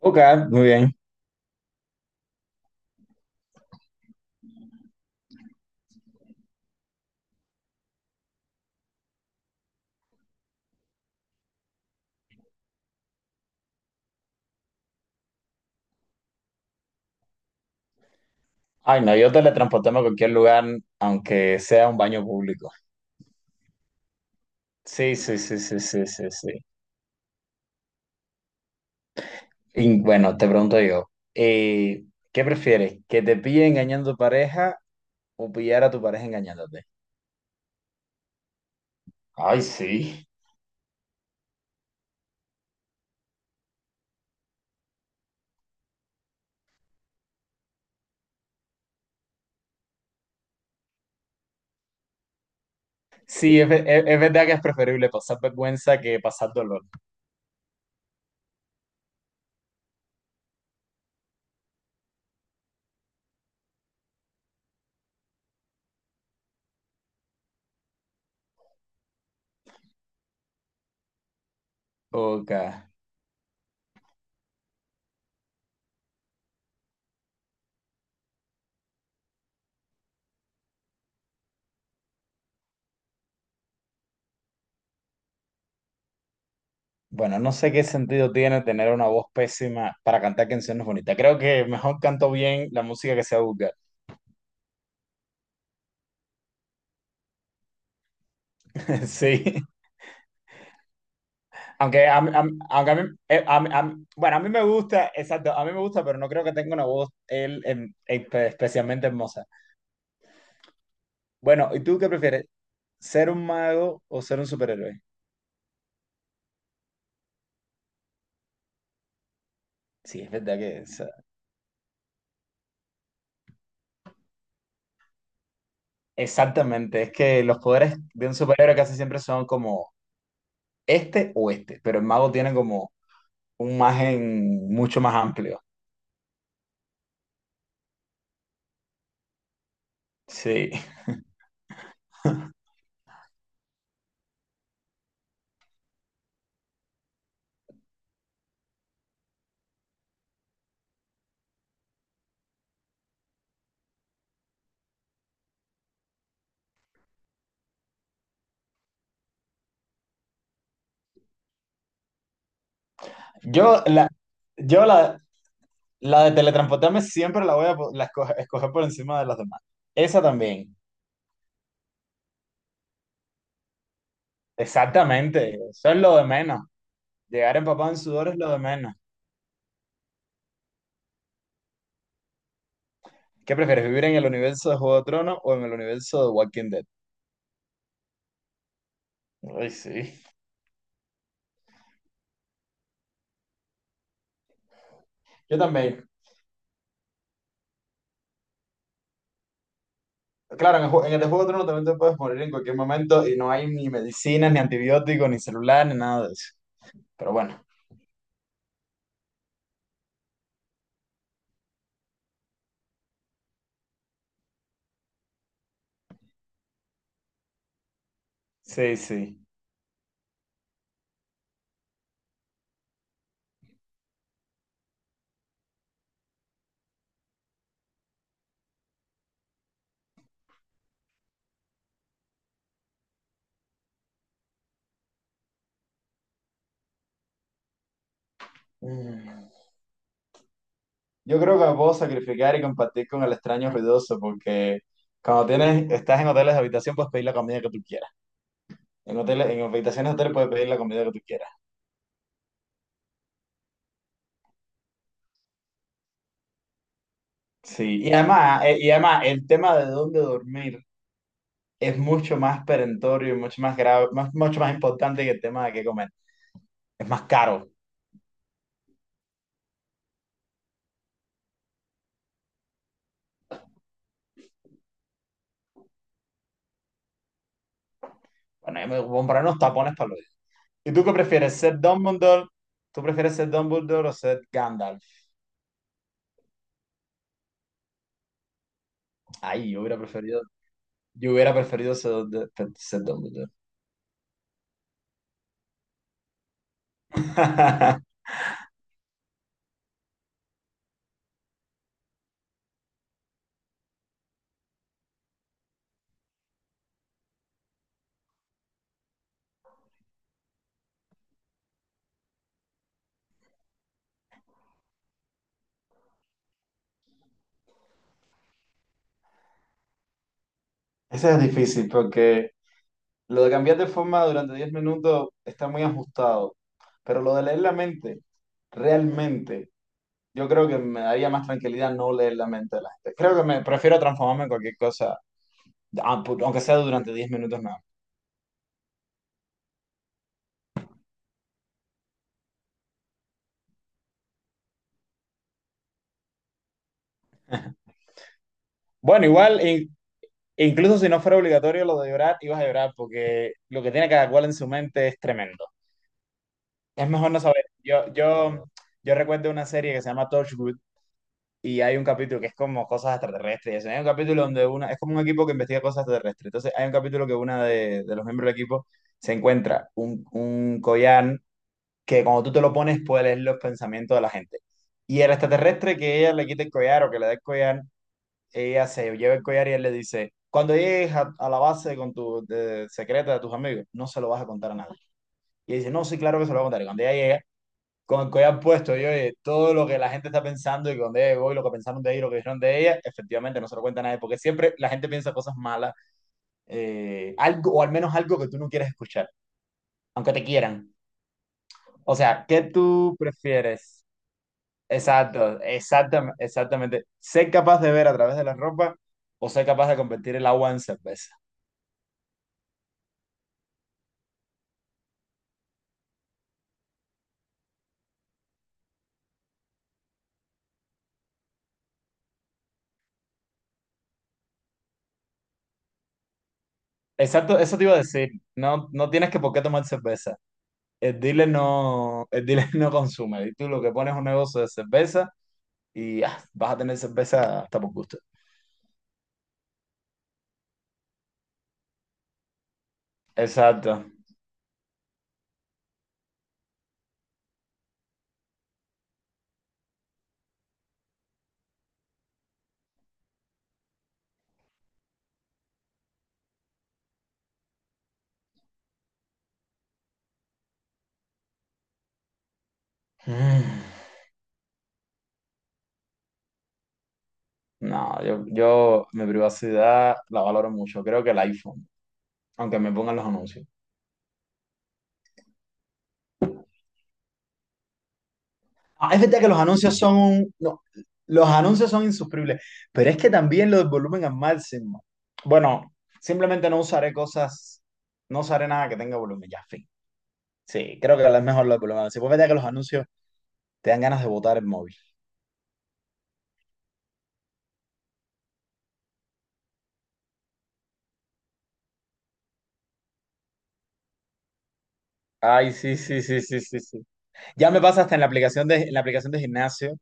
Ok, muy bien. Ay, no, yo teletransportarme a cualquier lugar, aunque sea un baño público. Sí, sí, sí, sí, sí, sí, sí. Y bueno, te pregunto yo, eh, ¿qué prefieres? ¿Que te pille engañando a tu pareja o pillar a tu pareja engañándote? Ay, sí. Sí, es, es verdad que es preferible pasar vergüenza que pasar dolor. Ok. Bueno, no sé qué sentido tiene tener una voz pésima para cantar canciones bonitas. Creo que mejor canto bien la música que sea vulgar. Sí. Aunque a mí, bueno, a mí me gusta, exacto, a mí me gusta, pero no creo que tenga una voz él, especialmente hermosa. Bueno, ¿y tú qué prefieres? ¿Ser un mago o ser un superhéroe? Sí, es verdad que es- Exactamente, es que los poderes de un superhéroe casi siempre son como este o este, pero el mago tiene como un margen mucho más amplio. Sí. Yo la, yo la, la de teletransportarme siempre la voy a escoger por encima de las demás. Esa también. Exactamente, eso es lo de menos. Llegar empapado en sudor es lo de menos. ¿Qué prefieres, vivir en el universo de Juego de Tronos o en el universo de Walking Dead? Ay, sí. Yo también. Claro, en el de Juego de Tronos también te puedes morir en cualquier momento y no hay ni medicinas, ni antibióticos, ni celular, ni nada de eso. Pero bueno, sí, sí. Mm. Yo creo que me puedo sacrificar y compartir con el extraño ruidoso porque estás en hoteles de habitación puedes pedir la comida que tú quieras. En hoteles, en habitaciones de hoteles puedes pedir la comida que tú quieras. Sí, y además el tema de dónde dormir es mucho más perentorio y mucho más grave, mucho más importante que el tema de qué comer. Es más caro. Bueno, yo me voy a comprar unos tapones para los días. ¿Y tú qué prefieres, ser Dumbledore? ¿Tú prefieres ser Dumbledore o ser Gandalf? Ay, yo hubiera preferido ser, ser Dumbledore. Eso es difícil porque lo de cambiar de forma durante 10 minutos está muy ajustado, pero lo de leer la mente, realmente. Yo creo que me daría más tranquilidad no leer la mente de la gente. Creo que me prefiero transformarme en cualquier cosa, aunque sea durante 10 minutos nada más. Bueno, igual, incluso si no fuera obligatorio lo de llorar, ibas a llorar porque lo que tiene cada cual en su mente es tremendo. Es mejor no saber. Yo recuerdo una serie que se llama Torchwood y hay un capítulo que es como cosas extraterrestres y eso. Hay un capítulo donde una, es como un equipo que investiga cosas extraterrestres. Entonces hay un capítulo que una de los miembros del equipo se encuentra un collar que cuando tú te lo pones puedes leer los pensamientos de la gente. Y el extraterrestre que ella le quite el collar o que le dé el collar, ella se lleva el collar y él le dice, cuando llegues a la base con tu secreta de tus amigos, no se lo vas a contar a nadie. Y ella dice, no, sí, claro que se lo voy a contar. Y cuando ella llega, con el collar puesto, y oye, todo lo que la gente está pensando y cuando ella llegó y lo que pensaron de ella y lo que dijeron de ella, efectivamente no se lo cuenta a nadie, porque siempre la gente piensa cosas malas, o al menos algo que tú no quieres escuchar, aunque te quieran. O sea, ¿qué tú prefieres? Exacto, exactamente. Ser capaz de ver a través de la ropa o ser capaz de convertir el agua en cerveza. Exacto, eso te iba a decir. No, no tienes que por qué tomar cerveza. El dealer no, el dealer no consume. Y tú lo que pones es un negocio de cerveza y ah, vas a tener cerveza hasta por gusto. Exacto. Mm, no, yo mi privacidad la valoro mucho. Creo que el iPhone, aunque me pongan los anuncios. Ah, es verdad que los anuncios son no, los anuncios son insufribles, pero es que también lo del volumen al máximo. Bueno, simplemente no usaré cosas, no usaré nada que tenga volumen, ya, fin. Sí, creo que es mejor lo del volumen al máximo. Es verdad que los anuncios te dan ganas de botar el móvil. Ay, sí, sí, sí, sí, sí, sí. Ya me pasa hasta en la aplicación de, en la aplicación de gimnasio.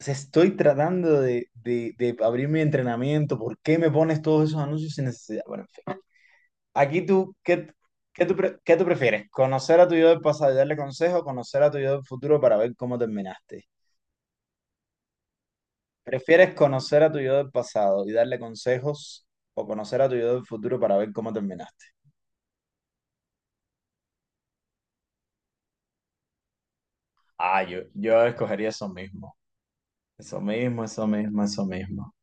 O sea, estoy tratando de abrir mi entrenamiento. ¿Por qué me pones todos esos anuncios sin necesidad? Bueno, en fin. Aquí tú, ¿qué tú prefieres? ¿Conocer a tu yo del pasado y darle consejo conocer a tu yo del futuro para ver cómo terminaste? ¿Prefieres conocer a tu yo del pasado y darle consejos o conocer a tu yo del futuro para ver cómo terminaste? Ah, yo escogería eso mismo. Eso mismo, eso mismo, eso mismo.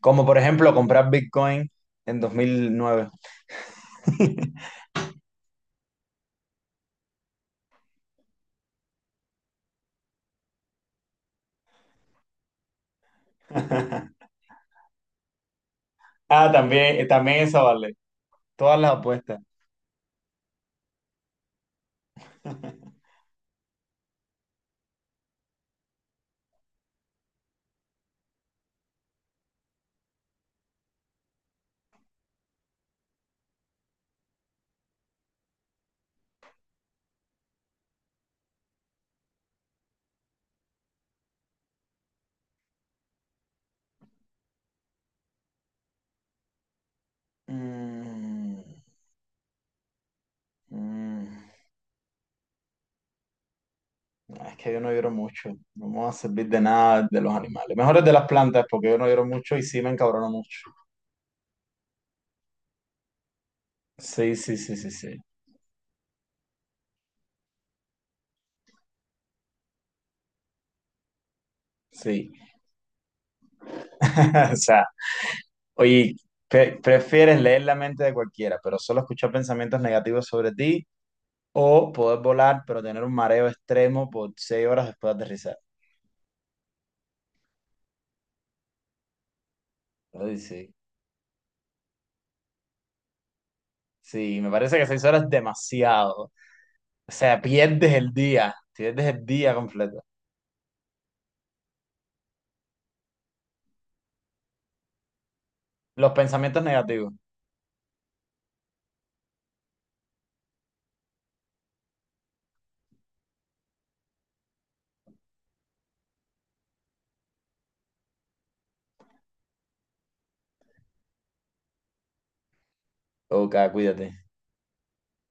Como por ejemplo comprar Bitcoin en 2009. Ah, también, también esa vale. Todas las apuestas. Mm, mm. Ah, es que yo no lloro mucho, no me va a servir de nada de los animales. Mejor es de las plantas, porque yo no lloro mucho y sí me encabrono mucho. Sí, sí, sí, sí, sí. Sí. O sea, oye, ¿prefieres leer la mente de cualquiera, pero solo escuchar pensamientos negativos sobre ti? ¿O poder volar, pero tener un mareo extremo por 6 horas después de aterrizar? Ay, sí. Sí, me parece que 6 horas es demasiado. O sea, pierdes el día completo. Los pensamientos negativos. Ok, cuídate.